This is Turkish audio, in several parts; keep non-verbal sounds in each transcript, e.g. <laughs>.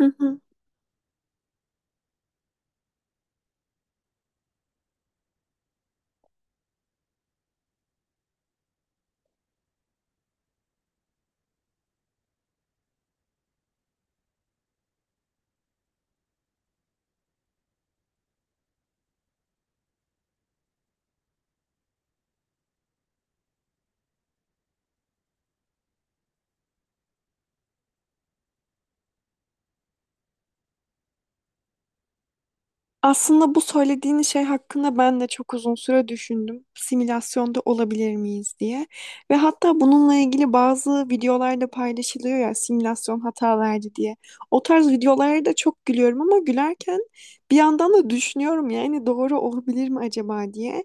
Hı hı. Aslında bu söylediğin şey hakkında ben de çok uzun süre düşündüm. Simülasyonda olabilir miyiz diye. Ve hatta bununla ilgili bazı videolar da paylaşılıyor ya simülasyon hata verdi diye. O tarz videolara da çok gülüyorum ama gülerken bir yandan da düşünüyorum yani doğru olabilir mi acaba diye.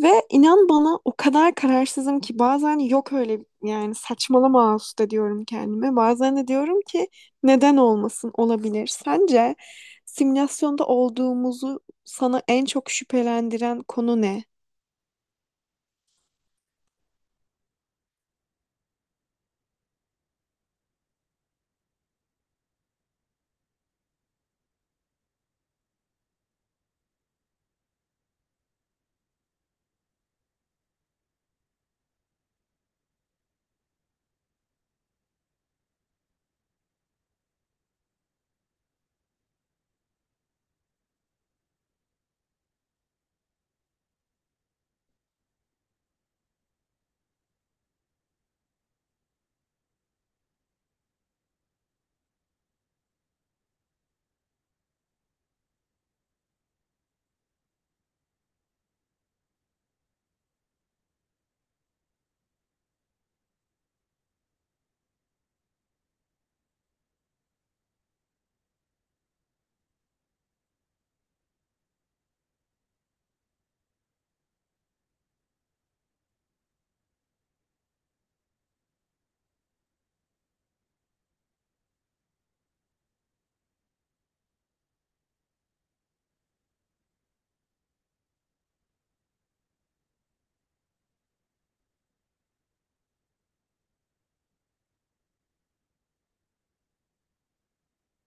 Ve inan bana o kadar kararsızım ki bazen yok öyle yani saçmalama usta diyorum kendime. Bazen de diyorum ki neden olmasın olabilir. Sence simülasyonda olduğumuzu sana en çok şüphelendiren konu ne?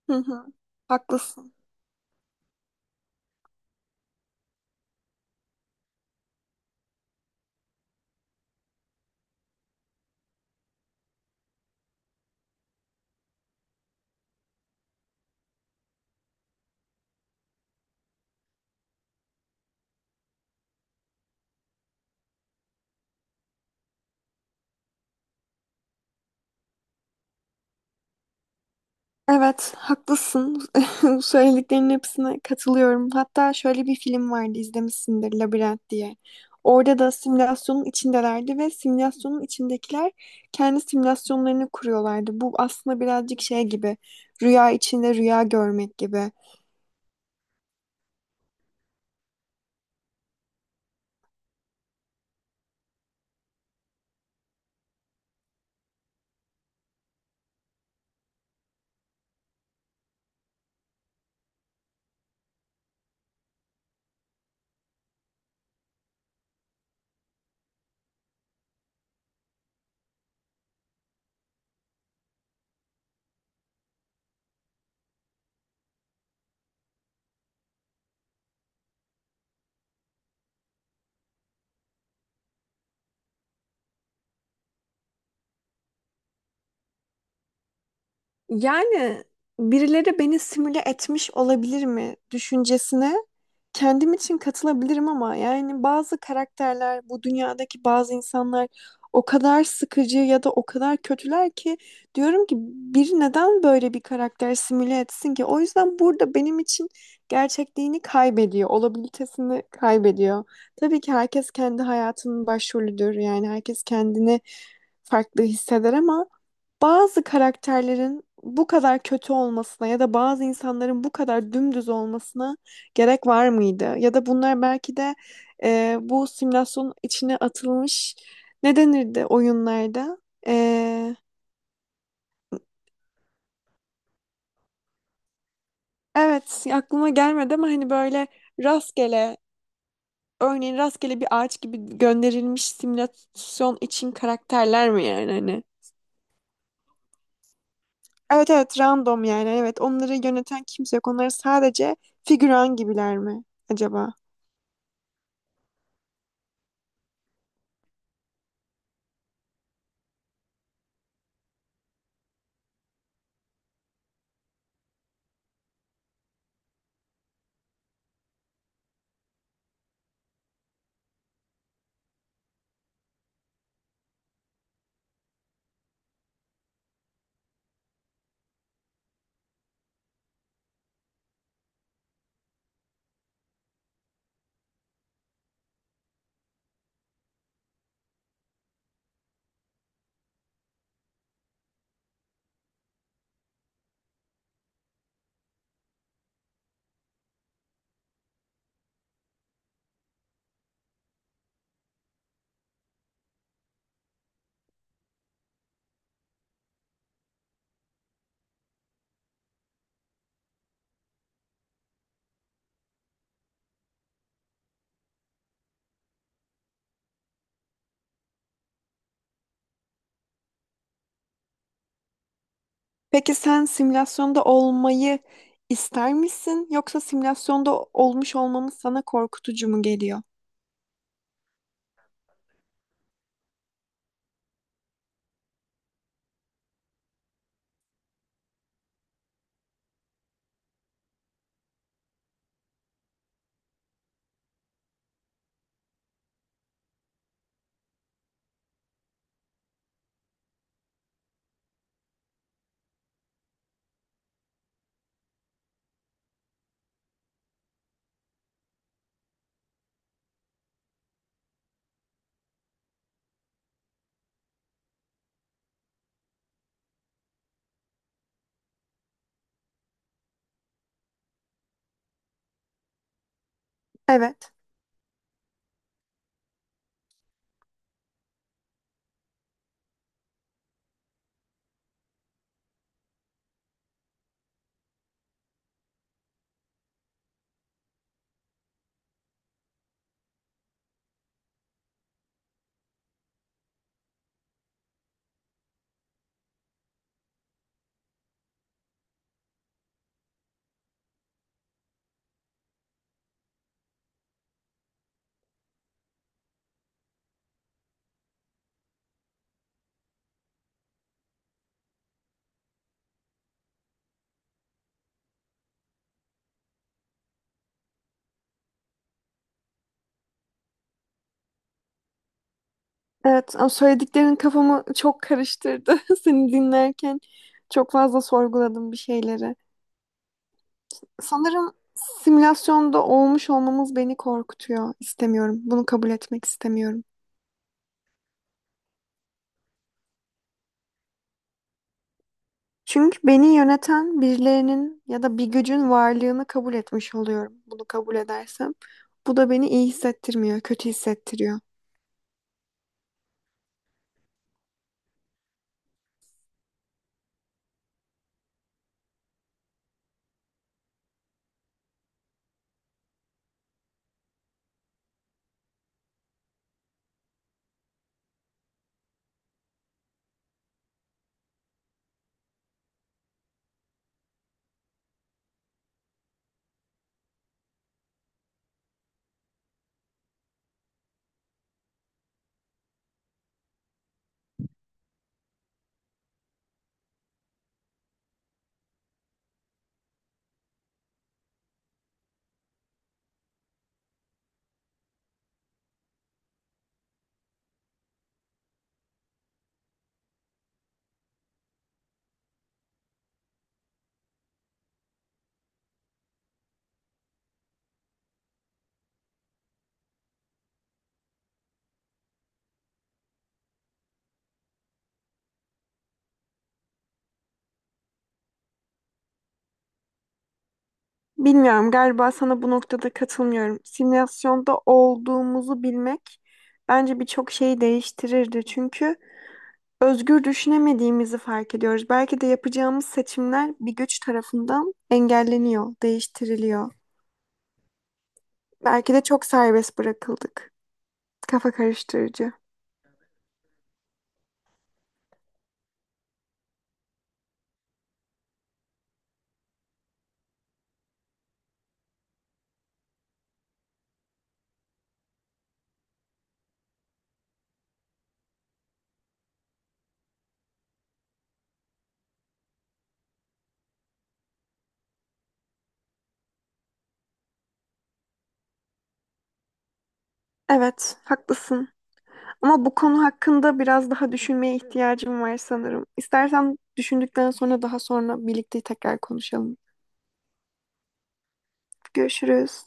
Hı hı. Haklısın. Evet, haklısın. <laughs> Söylediklerinin hepsine katılıyorum. Hatta şöyle bir film vardı, izlemişsindir, Labirent diye. Orada da simülasyonun içindelerdi ve simülasyonun içindekiler kendi simülasyonlarını kuruyorlardı. Bu aslında birazcık şey gibi, rüya içinde rüya görmek gibi. Yani birileri beni simüle etmiş olabilir mi düşüncesine kendim için katılabilirim ama yani bazı karakterler, bu dünyadaki bazı insanlar o kadar sıkıcı ya da o kadar kötüler ki diyorum ki bir neden böyle bir karakter simüle etsin ki? O yüzden burada benim için gerçekliğini kaybediyor, olabilitesini kaybediyor. Tabii ki herkes kendi hayatının başrolüdür. Yani herkes kendini farklı hisseder ama bazı karakterlerin bu kadar kötü olmasına ya da bazı insanların bu kadar dümdüz olmasına gerek var mıydı? Ya da bunlar belki de bu simülasyonun içine atılmış ne denirdi oyunlarda? E, evet aklıma gelmedi ama hani böyle rastgele örneğin rastgele bir ağaç gibi gönderilmiş simülasyon için karakterler mi yani hani? Evet evet random yani evet onları yöneten kimse yok. Onlar sadece figüran gibiler mi acaba? Peki sen simülasyonda olmayı ister misin yoksa simülasyonda olmuş olmamız sana korkutucu mu geliyor? Evet. Evet, ama söylediklerin kafamı çok karıştırdı. <laughs> Seni dinlerken çok fazla sorguladım bir şeyleri. Sanırım simülasyonda olmuş olmamız beni korkutuyor. İstemiyorum. Bunu kabul etmek istemiyorum. Çünkü beni yöneten birilerinin ya da bir gücün varlığını kabul etmiş oluyorum. Bunu kabul edersem. Bu da beni iyi hissettirmiyor, kötü hissettiriyor. Bilmiyorum, galiba sana bu noktada katılmıyorum. Simülasyonda olduğumuzu bilmek bence birçok şeyi değiştirirdi. Çünkü özgür düşünemediğimizi fark ediyoruz. Belki de yapacağımız seçimler bir güç tarafından engelleniyor, değiştiriliyor. Belki de çok serbest bırakıldık. Kafa karıştırıcı. Evet, haklısın. Ama bu konu hakkında biraz daha düşünmeye ihtiyacım var sanırım. İstersen düşündükten sonra daha sonra birlikte tekrar konuşalım. Görüşürüz.